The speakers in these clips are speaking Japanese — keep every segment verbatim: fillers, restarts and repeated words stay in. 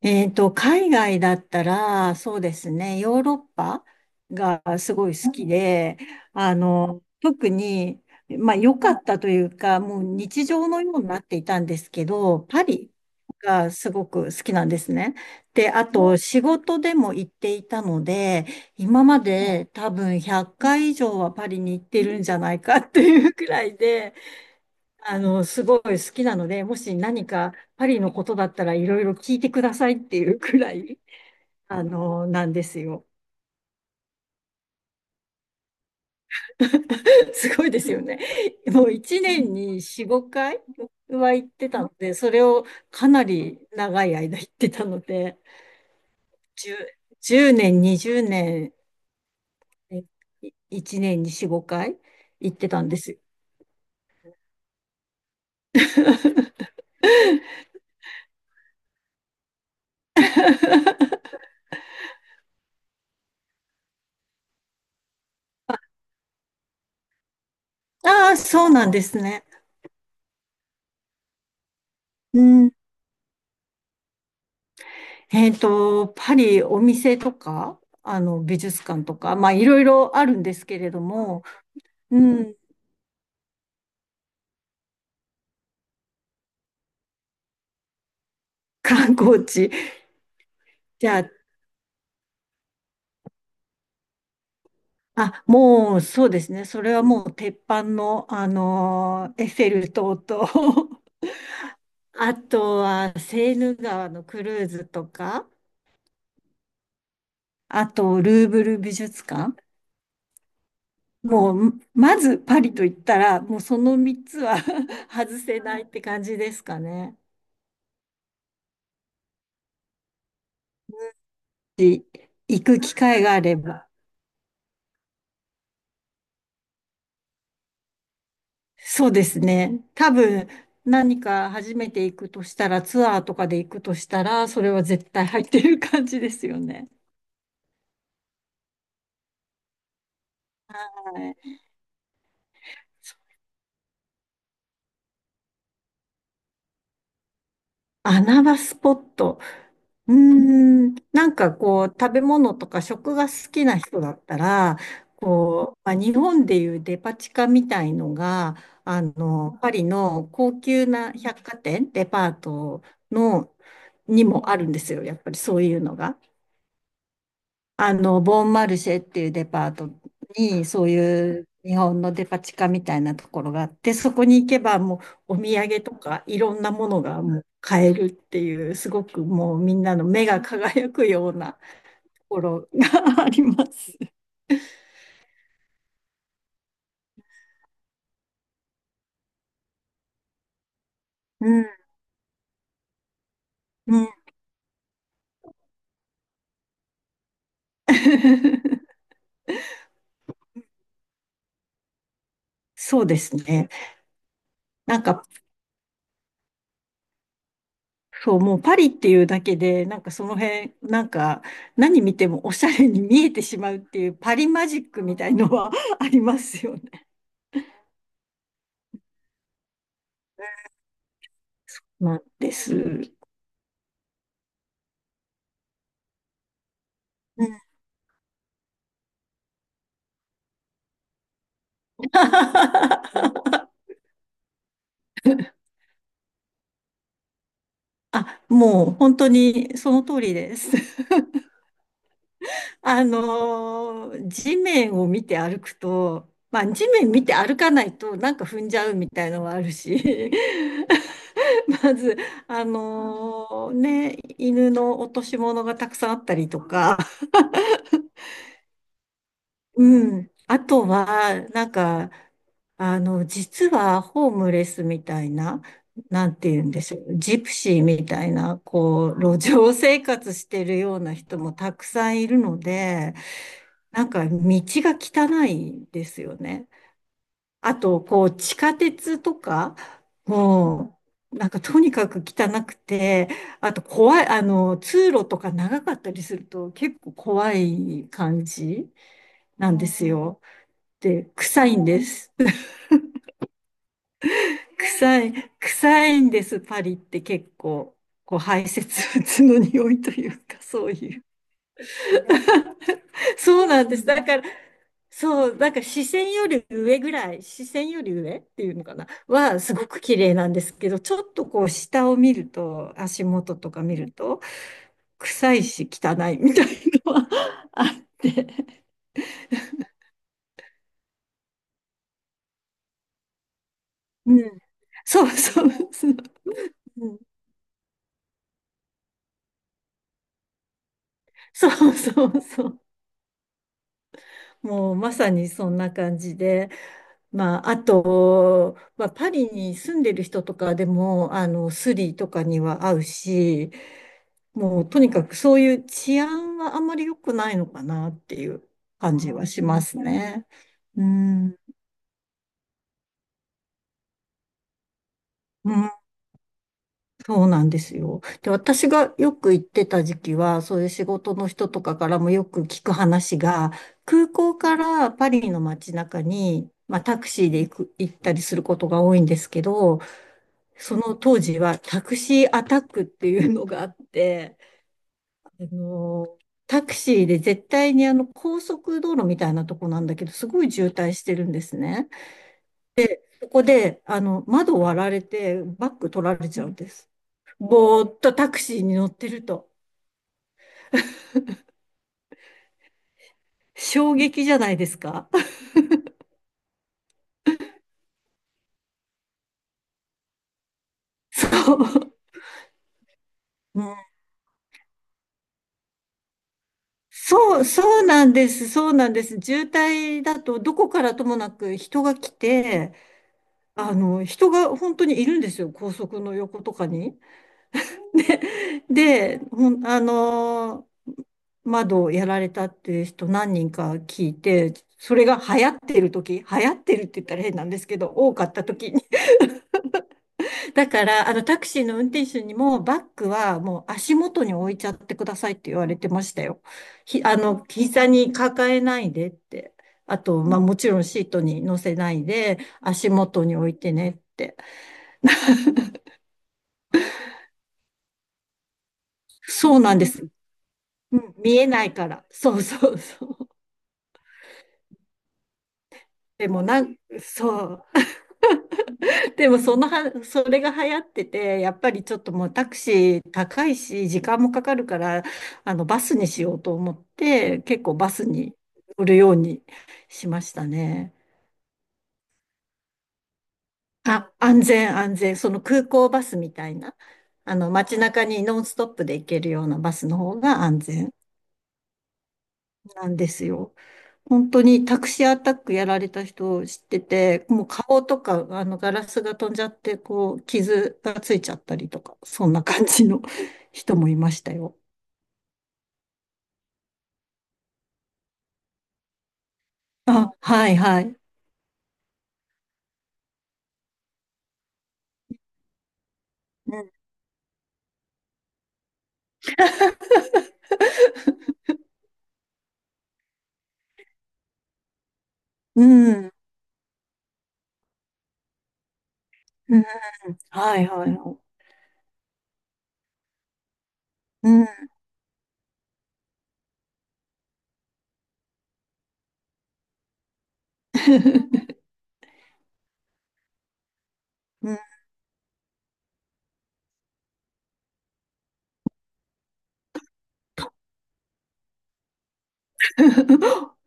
えっと、海外だったら、そうですね、ヨーロッパがすごい好きで、あの、特に、まあ良かったというか、もう日常のようになっていたんですけど、パリがすごく好きなんですね。で、あと仕事でも行っていたので、今まで多分ひゃっかい以上はパリに行ってるんじゃないかっていうくらいで、あの、すごい好きなので、もし何かパリのことだったらいろいろ聞いてくださいっていうくらい、あの、なんですよ。すごいですよね。もういちねんによん、ごかいは行ってたので、それをかなり長い間行ってたので、じゅう、年、にじゅうねん、えいいちねんによん、ごかい行ってたんですよ。ああ、そうなんですね。うんえっと、パリ、お店とか、あの、美術館とか、まあ、いろいろあるんですけれども、うん、観光地。じゃあ、あ、もう、そうですね。それはもう、鉄板の、あのーエッフェル塔と、あとは、セーヌ川のクルーズとか、あと、ルーブル美術館。もう、まず、パリと言ったら、もう、そのみっつは 外せないって感じですかね。し行く機会があれば。そうですね。多分、何か初めて行くとしたら、ツアーとかで行くとしたら、それは絶対入ってる感じですよね。はい。穴場スポット。うーん、なんかこう、食べ物とか食が好きな人だったら、こう、まあ、日本でいうデパ地下みたいのが、あの、パリの高級な百貨店、デパートの、にもあるんですよ。やっぱりそういうのが。あの、ボンマルシェっていうデパートに、そういう日本のデパ地下みたいなところがあって、そこに行けばもうお土産とかいろんなものがもう買えるっていう、すごくもうみんなの目が輝くようなところが あります。うん、うん。そうですね。なんか、そう、もうパリっていうだけで、なんかその辺、なんか何見てもおしゃれに見えてしまうっていうパリマジックみたいのは ありますよね。なんです。うん あ、もう本当にその通りです。あのー地面を見て歩くと、まあ地面見て歩かないとなんか踏んじゃうみたいのはあるし、まず、あのーね、犬の落とし物がたくさんあったりとか、うん。あとは、なんか、あの、実はホームレスみたいな、なんて言うんでしょう、ジプシーみたいな、こう、路上生活してるような人もたくさんいるので、なんか道が汚いですよね。あと、こう、地下鉄とか、もう、なんかとにかく汚くて、あと怖い、あの、通路とか長かったりすると結構怖い感じなんですよ。で、臭いんです。臭い、臭いんです、パリって結構。こう排泄物の匂いというか、そういう。そうなんです。だから、そう、だから視線より上ぐらい、視線より上っていうのかな、はすごく綺麗なんですけど、ちょっとこう下を見ると、足元とか見ると、臭いし汚いみたいのは あって。うん。そうそうそう。うんそうそうそう。もうまさにそんな感じで。まあ、あと、まあ、パリに住んでる人とかでも、あの、スリとかには合うし、もうとにかくそういう治安はあんまり良くないのかなっていう感じはしますね。うん。うんそうなんですよ。で、私がよく行ってた時期は、そういう仕事の人とかからもよく聞く話が、空港からパリの街中に、まあ、タクシーで行く、行ったりすることが多いんですけど、その当時はタクシーアタックっていうのがあって、あの、タクシーで絶対にあの高速道路みたいなとこなんだけど、すごい渋滞してるんですね。そこで、あの、窓割られてバッグ取られちゃうんです。ぼーっとタクシーに乗ってると。衝撃じゃないですか？ そう。うんそう、そうなんです。そうなんです。渋滞だと、どこからともなく人が来て、あの、人が本当にいるんですよ。高速の横とかに。で、で、ほん、あのー窓をやられたっていう人何人か聞いて、それが流行ってる時、流行ってるって言ったら変なんですけど、多かった時にだから、あの、タクシーの運転手にも、バッグはもう足元に置いちゃってくださいって言われてましたよ。ひ、あの、膝に抱えないでって。あと、まあ、もちろんシートに乗せないで、足元に置いてねって。そうなんです。うん見えないから。そうそうそう。でもなん、そう。でもそのは、それが流行ってて、やっぱりちょっともうタクシー高いし、時間もかかるから、あの、バスにしようと思って、結構バスに乗るようにしましたね。あ、安全安全。その空港バスみたいな、あの、街中にノンストップで行けるようなバスの方が安全なんですよ。本当にタクシーアタックやられた人を知ってて、もう顔とか、あの、ガラスが飛んじゃって、こう、傷がついちゃったりとか、そんな感じの 人もいましたよ。あ、はいはい。うん、うん、うんはいはいはい。うん。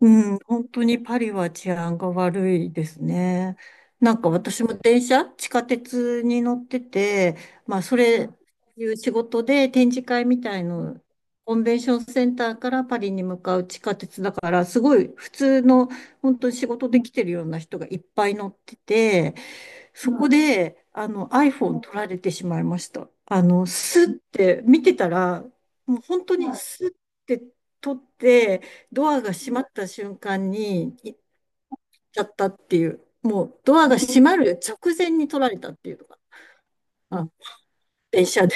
うん、本当にパリは治安が悪いですね。なんか私も電車、地下鉄に乗ってて、まあそれ、いう仕事で展示会みたいの、コンベンションセンターからパリに向かう地下鉄だから、すごい普通の、本当に仕事で来てるような人がいっぱい乗ってて、そこで、あの、iPhone 取られてしまいました。あの、スッて見てたら、もう本当にスッて取って、ドアが閉まった瞬間に行っちゃったっていう、もうドアが閉まる直前に取られたっていうのが、あ、電車で。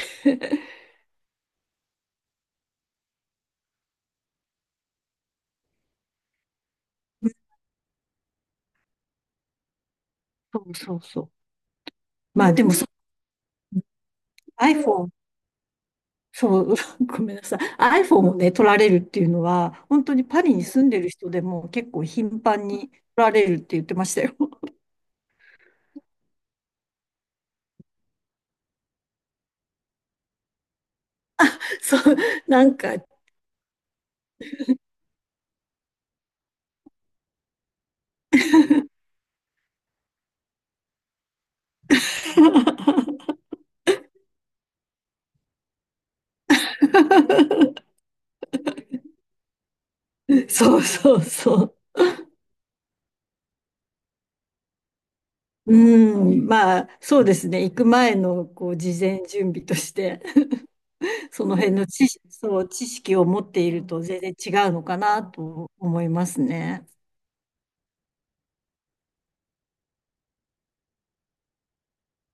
そうそうそう。まあでもそ、iPhone、そう、ごめんなさい。アイフォン をね、取られるっていうのは、本当にパリに住んでる人でも結構頻繁に取られるって言ってましたよ。そう、なんか そうそうそう。うん、まあ、そうですね。行く前の、こう、事前準備として、その辺の知識、そう、知識を持っていると全然違うのかなと思いますね。